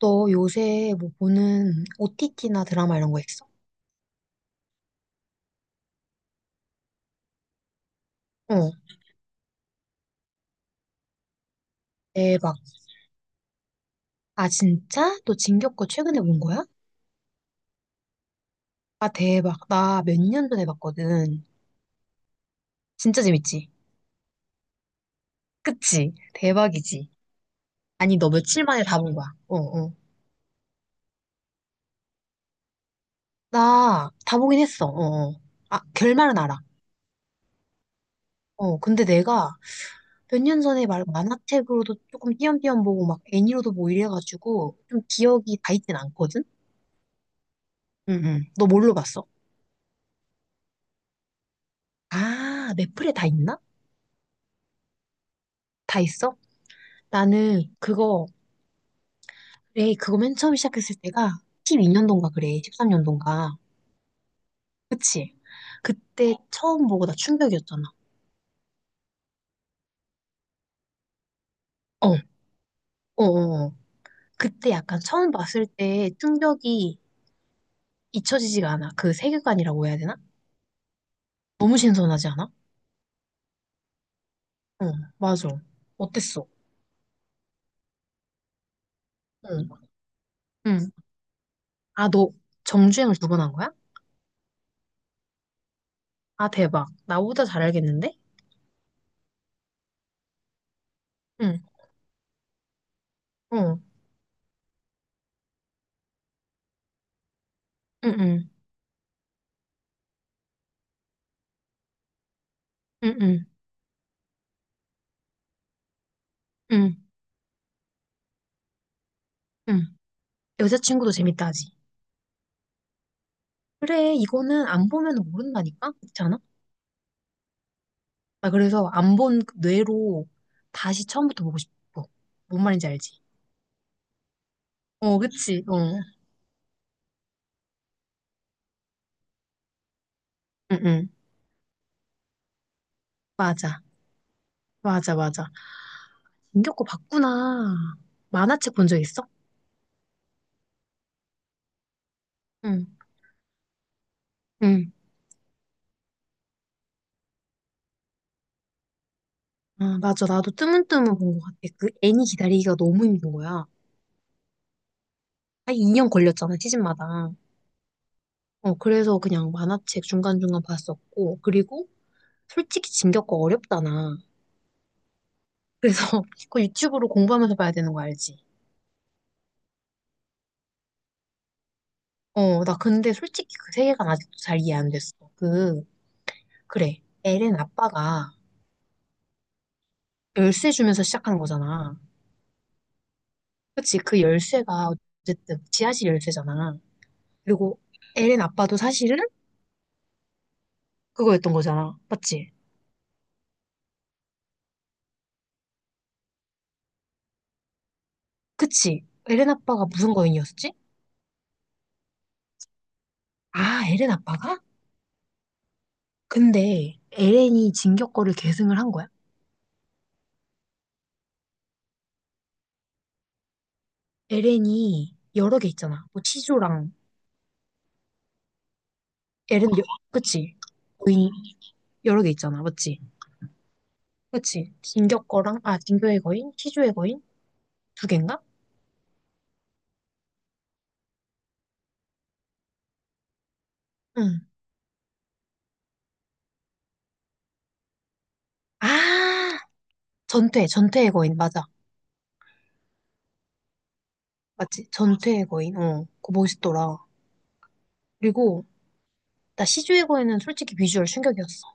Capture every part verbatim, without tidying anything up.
너 요새 뭐 보는 오티티나 드라마 이런 거 있어? 어, 대박. 아, 진짜? 너 진격거 최근에 본 거야? 아, 대박. 나 몇 년 전에 봤거든. 진짜 재밌지? 그치? 대박이지? 아니, 너 며칠 만에 다 본 거야? 어, 어. 나 다 보긴 했어. 어, 어. 아, 결말은 알아. 어, 근데 내가 몇 년 전에 말 만화책으로도 조금 띄엄띄엄 보고 막 애니로도 뭐 이래가지고 좀 기억이 다 있진 않거든? 응, 응. 너 뭘로 봤어? 아, 넷플에 다 있나? 다 있어? 나는 그거, 그래, 그거 맨 처음 시작했을 때가 십이 년도인가 그래, 십삼 년도인가. 그치? 그때 처음 보고 나 충격이었잖아. 어, 어, 어. 어. 그때 약간 처음 봤을 때 충격이 잊혀지지가 않아. 그 세계관이라고 해야 되나? 너무 신선하지 않아? 응, 맞아. 어땠어? 응, 응. 아, 너 정주행을 두 번 한 거야? 아, 대박. 나보다 잘 알겠는데? 응, 어, 응, 응, 응, 응, 응, 응. 여자친구도 재밌다 하지. 그래, 이거는 안 보면 모른다니까? 그렇지 않아? 아, 그래서 안 본 뇌로 다시 처음부터 보고 싶어. 뭔 말인지 알지? 어, 그치? 어. 응, 응. 맞아. 맞아, 맞아. 김겹고 봤구나. 만화책 본 적 있어? 응. 응. 아, 맞아. 나도 뜨문뜨문 본 것 같아. 그 애니 기다리기가 너무 힘든 거야. 한 이 년 걸렸잖아, 시즌마다. 어, 그래서 그냥 만화책 중간중간 봤었고. 그리고 솔직히 진격거 어렵잖아. 그래서 그거 유튜브로 공부하면서 봐야 되는 거 알지? 어, 나 근데 솔직히 그 세계관 아직도 잘 이해 안 됐어. 그, 그래. 엘렌 아빠가 열쇠 주면서 시작한 거잖아. 그치? 그 열쇠가 어쨌든 지하실 열쇠잖아. 그리고 엘렌 아빠도 사실은 그거였던 거잖아. 맞지? 그치? 엘렌 아빠가 무슨 거인이었지? 아, 엘렌 아빠가? 근데 엘렌이 진격거를 계승을 한 거야? 엘렌이 여러 개 있잖아. 뭐 치조랑 엘렌 여, 그치? 거인이 여러 개 있잖아. 맞지? 그치? 진격 거랑, 아, 진교의 거인? 시주의 거인? 두 갠가? 응. 아, 전퇴, 전퇴의 거인, 맞아. 맞지? 전퇴의 거인, 어. 그거 멋있더라. 그리고, 나 시주의 거인은 솔직히 비주얼 충격이었어.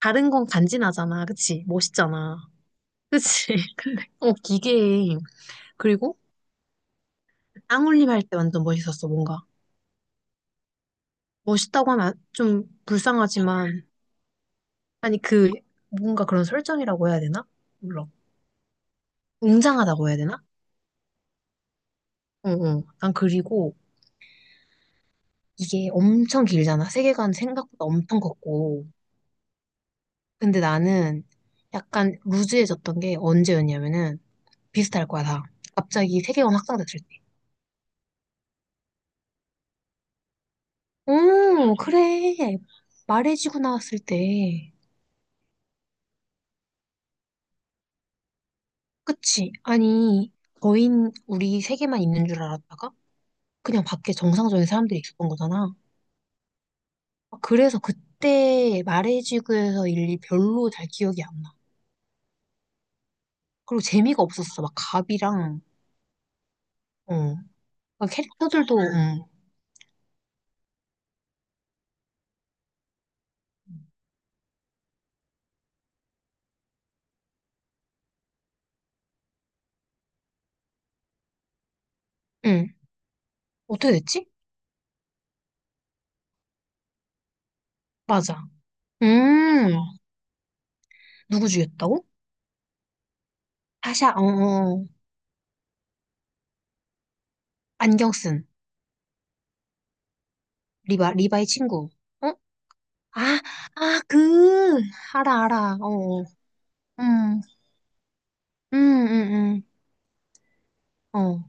다른 건 간지나잖아, 그치? 멋있잖아. 그치? 어, 기계 그리고, 땅울림 할 때 완전 멋있었어, 뭔가. 멋있다고 하면 안- 좀 불쌍하지만, 아니, 그, 뭔가 그런 설정이라고 해야 되나? 몰라. 웅장하다고 해야 되나? 어, 어. 난 그리고, 이게 엄청 길잖아. 세계관 생각보다 엄청 컸고. 근데 나는 약간 루즈해졌던 게 언제였냐면은 비슷할 거야, 다. 갑자기 세계관 확장됐을 때. 오, 그래. 말해지고 나왔을 때. 그치? 아니, 거인 우리 세계만 있는 줄 알았다가 그냥 밖에 정상적인 사람들이 있었던 거잖아. 그래서 그때 말해지고에서 일이 별로 잘 기억이 안 나. 그리고 재미가 없었어. 막 갑이랑, 어. 막 캐릭터들도, 응. 응. 어떻게 됐지? 맞아. 음, 누구 죽였다고? 하샤 어, 어, 안경 쓴, 리바, 리바의 친구. 어? 아, 아, 그, 알아, 알아, 어, 어. 음, 음, 음, 음, 어.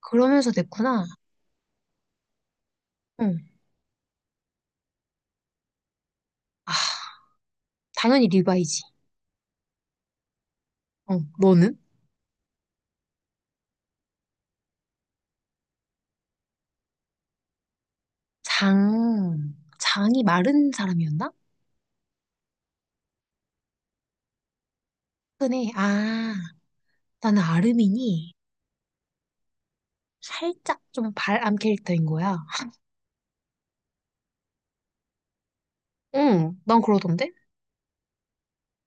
그러면서 됐구나. 응. 아, 당연히 리바이지. 어, 너는? 장, 장이 마른 사람이었나? 그네, 아, 나는 아르민이 살짝 좀 발암 캐릭터인 거야. 응, 난 그러던데?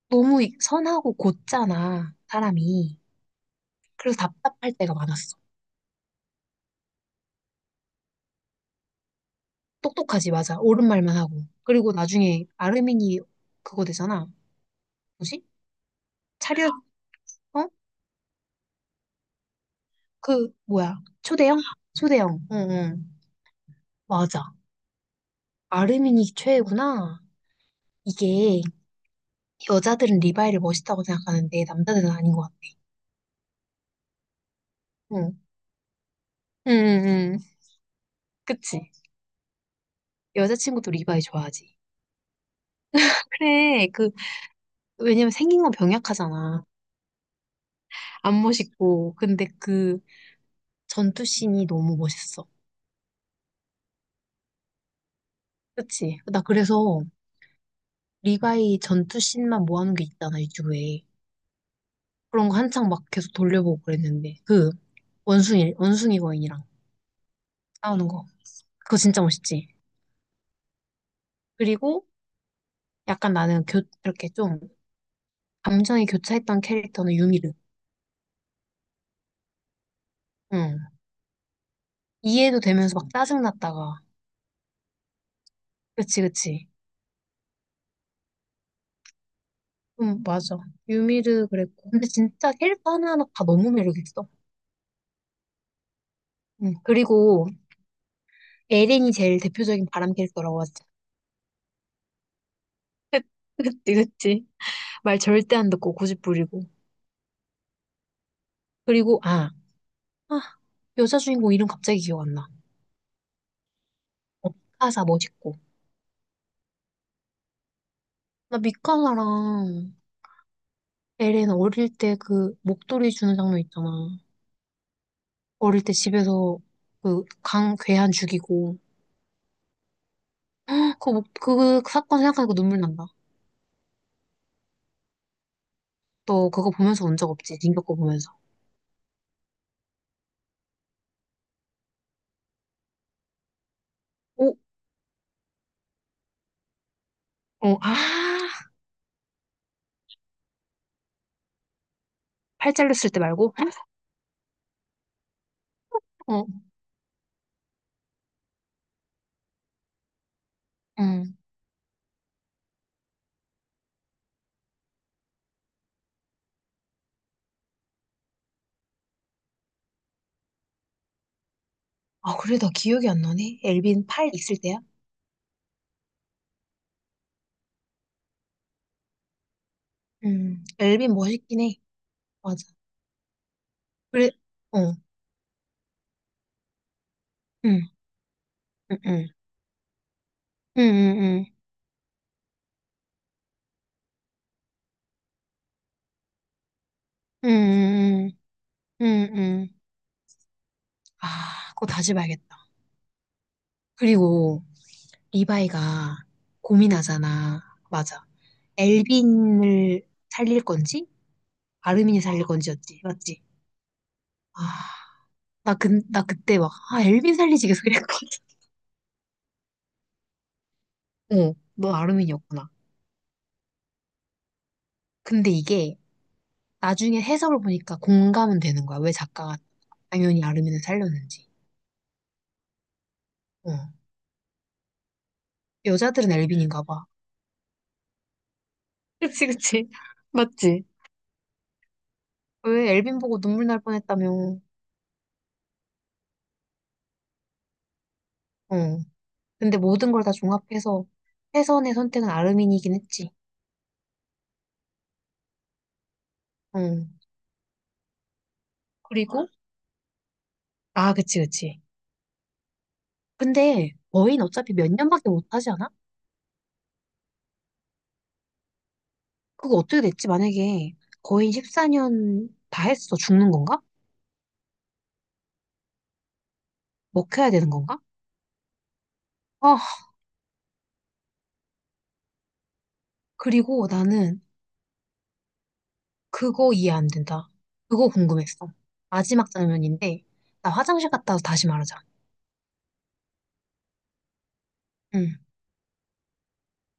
너무 이- 선하고 곧잖아, 사람이. 그래서 답답할 때가 많았어. 똑똑하지, 맞아. 옳은 말만 하고. 그리고 나중에 아르민이 그거 되잖아. 뭐지? 차렷, 어? 그, 뭐야. 초대형? 초대형. 응, 응. 맞아. 아르민이 최애구나. 이게 여자들은 리바이를 멋있다고 생각하는데 남자들은 아닌 것 같아. 응. 응, 응, 응. 그치. 여자친구도 리바이 좋아하지. 그래. 그, 왜냐면 생긴 건 병약하잖아. 안 멋있고. 근데 그, 전투씬이 너무 멋있어. 그치? 나 그래서 리바이 전투씬만 모아놓은 게 있잖아, 유튜브에. 그런 거 한창 막 계속 돌려보고 그랬는데. 그, 원숭이, 원숭이 거인이랑 싸우는 거. 그거 진짜 멋있지? 그리고 약간 나는 교, 이렇게 좀 감정이 교차했던 캐릭터는 유미르. 응. 이해도 되면서 막 짜증났다가. 그치, 그치. 음, 맞아. 유미르 그랬고. 근데 진짜 캐릭터 하나하나 다 너무 매력있어. 응. 그리고 에린이 제일 대표적인 바람 캐릭터라고 하지. 그치, 그치. 말 절대 안 듣고 고집 부리고. 그리고, 아, 아, 여자 주인공 이름 갑자기 기억 안 나. 어, 미카사 멋있고. 나 미카사랑 에렌 어릴 때 그 목도리 주는 장면 있잖아. 어릴 때 집에서 그 강, 괴한 죽이고. 그, 목, 그 사건 생각하니까 눈물 난다. 너 그거 보면서 운 적 없지? 링거 거 보면서. 오, 어, 아, 팔 잘렸을 때 말고? 어, 어 아, 그래, 나 기억이 안 나네. 엘빈 팔 있을 때야? 음, 엘빈 멋있긴 해. 맞아. 그래, 어, 응, 응, 응, 응, 응, 응, 응, 응, 응. 응. 응. 아, 그거 다시 봐야겠다. 그리고 리바이가 고민하잖아. 맞아. 엘빈을 살릴 건지, 아르민이 살릴 건지였지. 맞지? 아, 나 그, 나 그때 막, 아, 엘빈 살리지 계속 이랬거든. 어, 너 아르민이었구나. 근데 이게 나중에 해석을 보니까 공감은 되는 거야. 왜 작가가 당연히 아르민을 살렸는지. 어. 여자들은 엘빈인가 봐. 그치, 그치. 맞지? 왜 엘빈 보고 눈물 날 뻔했다며. 응. 근데 모든 걸 다 종합해서 최선의 선택은 아르민이긴 했지. 응. 그리고, 아, 그치, 그치. 근데 거인 어차피 몇 년밖에 못 하지 않아? 그거 어떻게 됐지? 만약에 거인 십사 년 다 했어. 죽는 건가? 먹혀야 되는 건가? 아, 그리고 나는 그거 이해 안 된다. 그거 궁금했어. 마지막 장면인데, 나 화장실 갔다 와서 다시 말하자. 응.